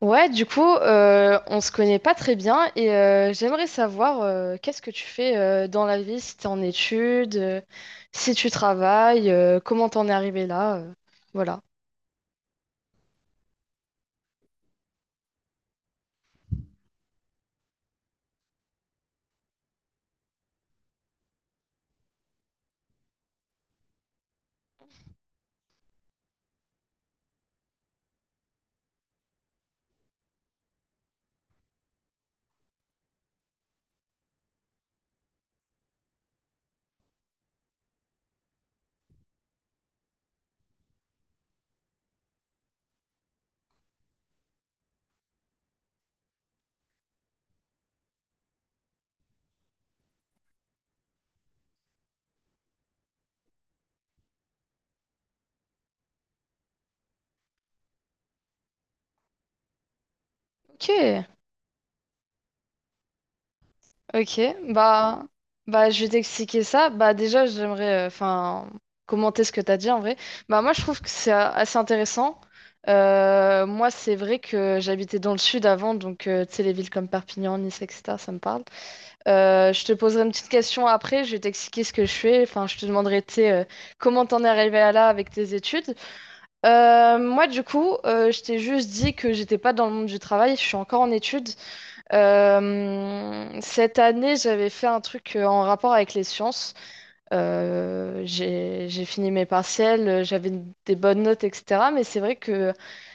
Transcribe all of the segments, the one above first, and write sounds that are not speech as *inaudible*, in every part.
Ouais, du coup, on se connaît pas très bien, et j'aimerais savoir qu'est-ce que tu fais dans la vie, si t'es en études, si tu travailles, comment t'en es arrivé là, voilà. Ok, ok, bah, bah je vais t'expliquer ça. Bah déjà, j'aimerais, enfin, commenter ce que t'as dit en vrai. Bah moi, je trouve que c'est assez intéressant. Moi, c'est vrai que j'habitais dans le sud avant, donc tu sais, les villes comme Perpignan, Nice, etc. Ça me parle. Je te poserai une petite question après, je vais t'expliquer ce que je fais. Enfin, je te demanderai, tu sais, comment t'en es arrivé à là avec tes études. Moi, du coup, je t'ai juste dit que j'étais pas dans le monde du travail, je suis encore en études. Cette année, j'avais fait un truc en rapport avec les sciences. J'ai fini mes partiels, j'avais des bonnes notes, etc. Mais c'est vrai que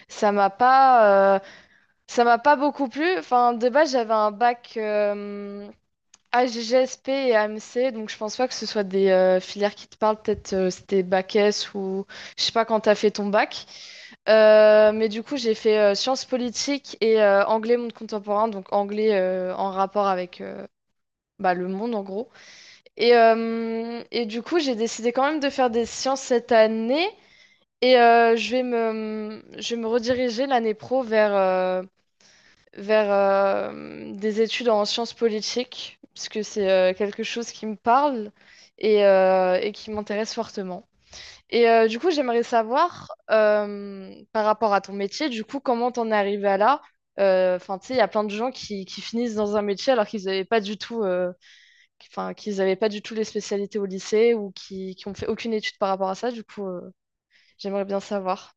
ça m'a pas, euh, ça m'a pas beaucoup plu. Enfin, de base, j'avais un bac, GGSP et AMC, donc je pense pas que ce soit des filières qui te parlent, peut-être c'était bac S ou je sais pas quand t'as fait ton bac. Mais du coup, j'ai fait sciences politiques et anglais monde contemporain, donc anglais en rapport avec bah, le monde en gros. Et du coup, j'ai décidé quand même de faire des sciences cette année, et je vais me rediriger l'année pro vers, des études en sciences politiques, puisque c'est quelque chose qui me parle et qui m'intéresse fortement. Et du coup, j'aimerais savoir, par rapport à ton métier, du coup, comment t'en es arrivé à là? Enfin, tu sais, il y a plein de gens qui finissent dans un métier alors qu'ils avaient pas du tout les spécialités au lycée, ou qui ont fait aucune étude par rapport à ça. Du coup, j'aimerais bien savoir.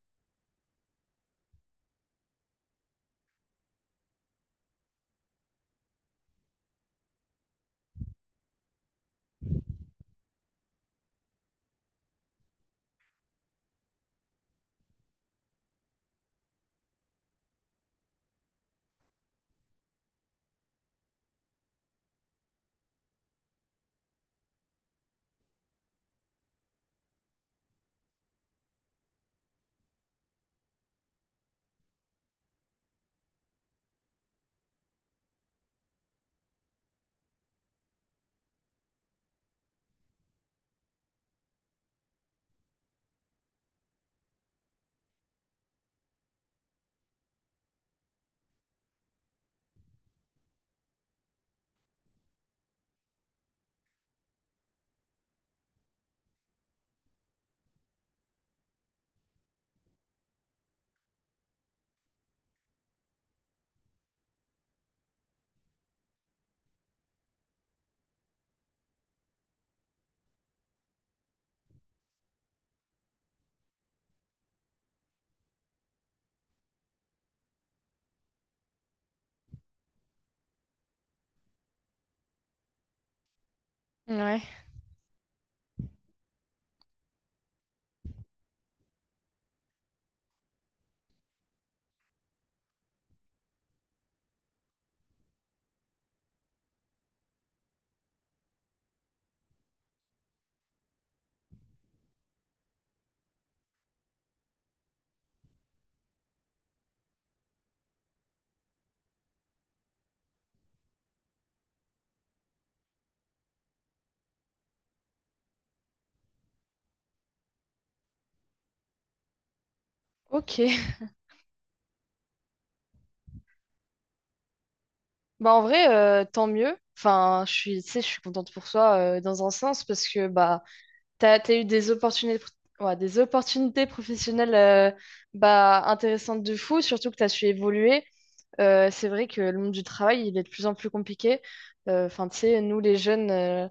Ouais. Ok. Bah en vrai, tant mieux. Enfin, je suis, tu sais, je suis contente pour toi, dans un sens, parce que bah t'as eu des opportunités, ouais, des opportunités professionnelles, bah, intéressantes de fou, surtout que t'as su évoluer. C'est vrai que le monde du travail, il est de plus en plus compliqué. Enfin, tu sais, nous les jeunes,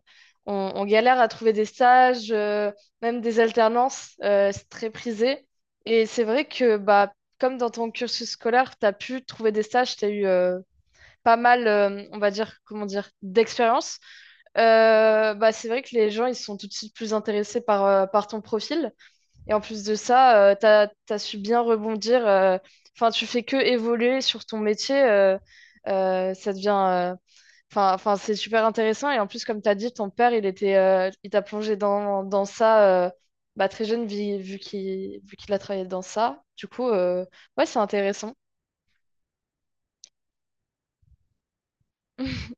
on galère à trouver des stages, même des alternances, c'est très prisé. Et c'est vrai que bah, comme dans ton cursus scolaire, t'as pu trouver des stages, t'as eu pas mal, on va dire, comment dire, d'expérience, bah, c'est vrai que les gens, ils sont tout de suite plus intéressés par ton profil. Et en plus de ça, t'as su bien rebondir. Enfin, tu fais que évoluer sur ton métier. Ça devient... Enfin, c'est super intéressant. Et en plus, comme tu as dit, ton père, il t'a plongé dans ça, bah, très jeune, vu qu'il a travaillé dans ça. Du coup, ouais, c'est intéressant. *laughs*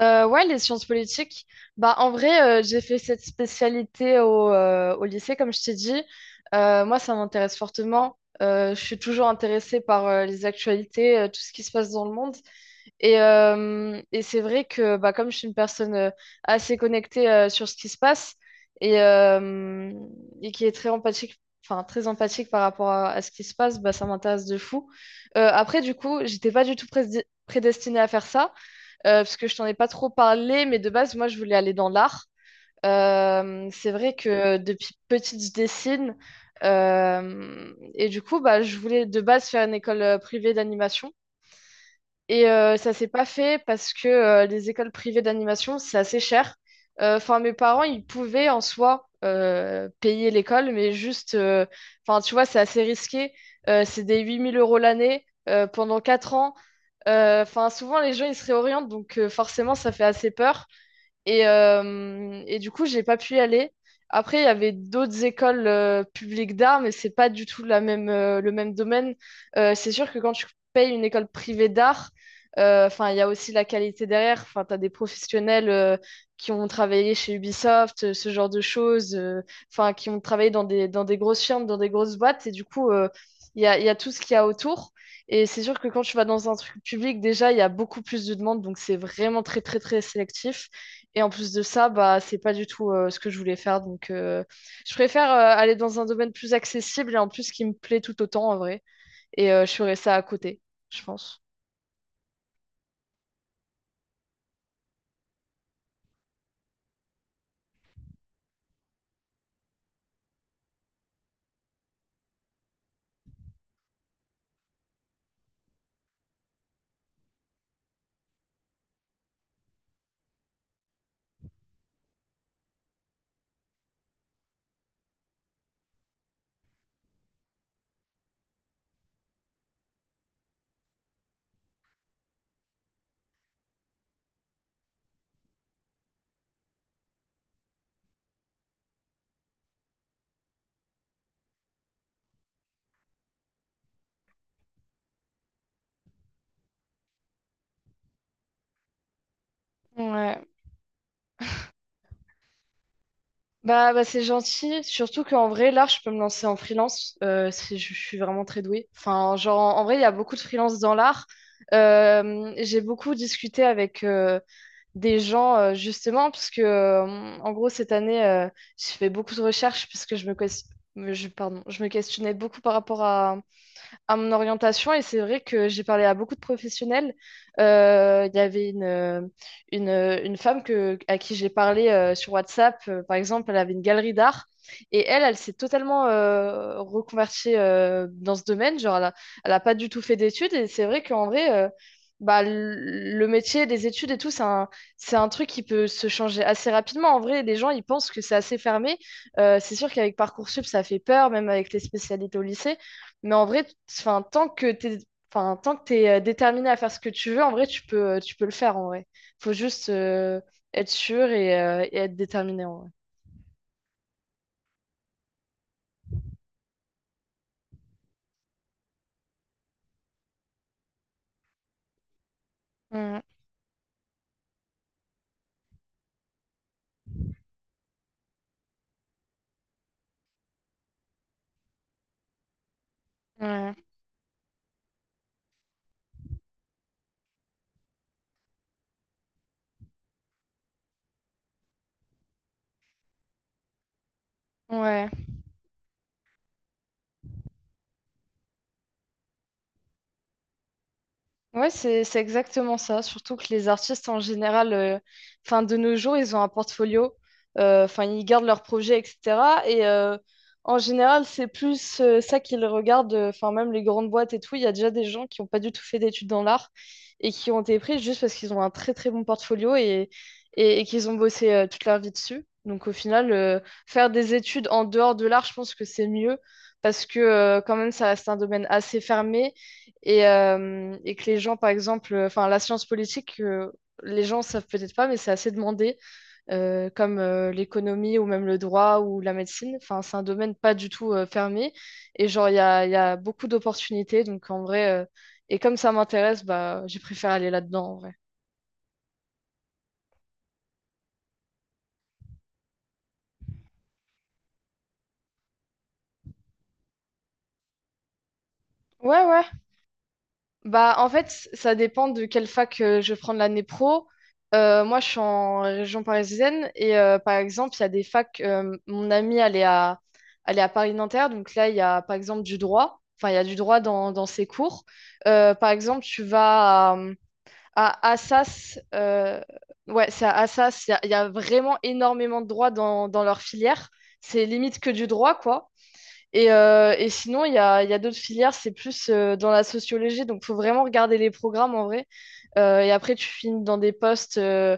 Ouais, les sciences politiques. Bah, en vrai, j'ai fait cette spécialité au lycée, comme je t'ai dit. Moi, ça m'intéresse fortement. Je suis toujours intéressée par les actualités, tout ce qui se passe dans le monde. Et c'est vrai que bah, comme je suis une personne assez connectée sur ce qui se passe et, euh, et qui est très empathique, enfin très empathique par rapport à ce qui se passe, bah, ça m'intéresse de fou. Après, du coup, j'étais pas du tout prédestinée à faire ça, parce que je t'en ai pas trop parlé, mais de base, moi, je voulais aller dans l'art. C'est vrai que depuis petite, je dessine. Et du coup, bah, je voulais de base faire une école privée d'animation. Et ça s'est pas fait, parce que les écoles privées d'animation, c'est assez cher. Enfin, mes parents, ils pouvaient en soi, payer l'école, mais juste, enfin, tu vois, c'est assez risqué. C'est des 8 000 euros l'année, pendant 4 ans. Enfin, souvent, les gens, ils se réorientent, donc forcément, ça fait assez peur. Et du coup, j'ai pas pu y aller. Après, il y avait d'autres écoles publiques d'art, mais c'est pas du tout la même, le même domaine. C'est sûr que quand tu payes une école privée d'art, enfin, il y a aussi la qualité derrière. Enfin, tu as des professionnels qui ont travaillé chez Ubisoft, ce genre de choses, enfin, qui ont travaillé dans des grosses firmes, dans des grosses boîtes. Et du coup, il y a tout ce qu'il y a autour. Et c'est sûr que quand tu vas dans un truc public, déjà, il y a beaucoup plus de demandes, donc c'est vraiment très, très, très sélectif. Et en plus de ça, bah, c'est pas du tout ce que je voulais faire. Donc, je préfère aller dans un domaine plus accessible et en plus qui me plaît tout autant en vrai. Et je ferai ça à côté, je pense. Ouais. Bah c'est gentil. Surtout qu'en vrai, là, je peux me lancer en freelance, si je suis vraiment très douée. Enfin, genre, en vrai, il y a beaucoup de freelance dans l'art. J'ai beaucoup discuté avec, des gens, justement, parce que, en gros, cette année, j'ai fait beaucoup de recherches, parce que je me questionnais beaucoup par rapport à mon orientation, et c'est vrai que j'ai parlé à beaucoup de professionnels. Il y avait une femme à qui j'ai parlé sur WhatsApp, par exemple, elle avait une galerie d'art, et elle s'est totalement reconvertie dans ce domaine. Genre, elle a pas du tout fait d'études, et c'est vrai qu'en vrai, bah, le métier des études et tout, c'est un truc qui peut se changer assez rapidement. En vrai, les gens, ils pensent que c'est assez fermé. C'est sûr qu'avec Parcoursup, ça fait peur, même avec les spécialités au lycée. Mais en vrai, enfin, tant que t'es déterminé à faire ce que tu veux, en vrai, tu peux le faire, en vrai. Faut juste être sûr et être déterminé, en vrai. Mm, ouais, ouais. Ouais, c'est exactement ça. Surtout que les artistes en général, enfin, de nos jours, ils ont un portfolio. Enfin, ils gardent leurs projets, etc. Et en général, c'est plus ça qu'ils regardent. Enfin, même les grandes boîtes et tout, il y a déjà des gens qui n'ont pas du tout fait d'études dans l'art, et qui ont été pris juste parce qu'ils ont un très très bon portfolio, et qu'ils ont bossé toute leur vie dessus. Donc au final, faire des études en dehors de l'art, je pense que c'est mieux, parce que quand même, ça reste un domaine assez fermé, et que les gens, par exemple, enfin, la science politique, les gens savent peut-être pas, mais c'est assez demandé, comme l'économie, ou même le droit ou la médecine. Enfin, c'est un domaine pas du tout fermé. Et genre, il y a beaucoup d'opportunités. Donc, en vrai, et comme ça m'intéresse, bah, j'ai préféré aller là-dedans, en vrai. Ouais, ouais. Bah, en fait, ça dépend de quelle fac je vais prendre l'année pro. Moi, je suis en région parisienne, et par exemple, il y a des facs. Mon amie, elle est à Paris-Nanterre. Donc là, il y a par exemple du droit. Enfin, il y a du droit dans ses cours. Par exemple, tu vas à Assas. Ouais, c'est à Assas. Il y a vraiment énormément de droit dans leur filière. C'est limite que du droit, quoi. Et sinon, il y a d'autres filières, c'est plus dans la sociologie, donc faut vraiment regarder les programmes en vrai. Et après, tu finis dans des postes,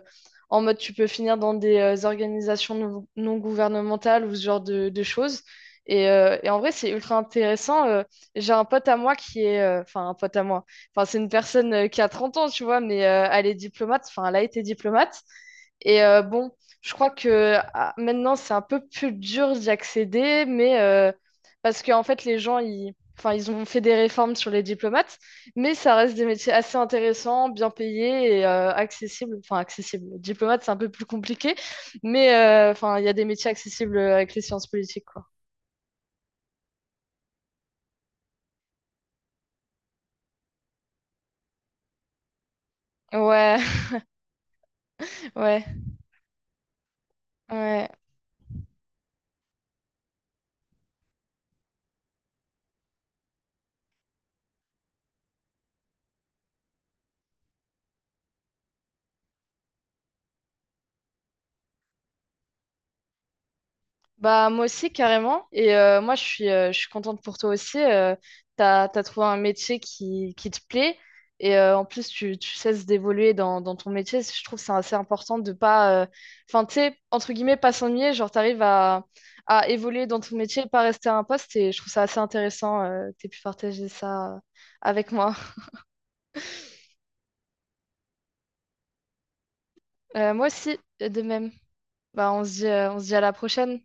en mode tu peux finir dans des organisations non gouvernementales, ou ce genre de choses. Et en vrai, c'est ultra intéressant. J'ai un pote à moi qui est, enfin, un pote à moi. Enfin, c'est une personne qui a 30 ans, tu vois, mais elle est diplomate. Enfin, elle a été diplomate. Et bon, je crois que maintenant, c'est un peu plus dur d'y accéder, mais parce qu'en fait, les gens, enfin, ils ont fait des réformes sur les diplomates. Mais ça reste des métiers assez intéressants, bien payés et accessibles. Enfin, accessibles. Diplomate, c'est un peu plus compliqué, mais enfin, il y a des métiers accessibles avec les sciences politiques, quoi. Ouais, *laughs* ouais, ouais. Bah, moi aussi, carrément. Et moi, je suis, je suis contente pour toi aussi. T'as trouvé un métier qui te plaît. Et en plus, tu cesses d'évoluer dans ton métier. Je trouve que c'est assez important de pas. Enfin, tu sais, entre guillemets, pas s'ennuyer. Genre, t'arrives à évoluer dans ton métier, pas rester à un poste. Et je trouve ça assez intéressant, que t'aies pu partager ça, avec moi. Moi aussi, de même. Bah, on se dit à la prochaine.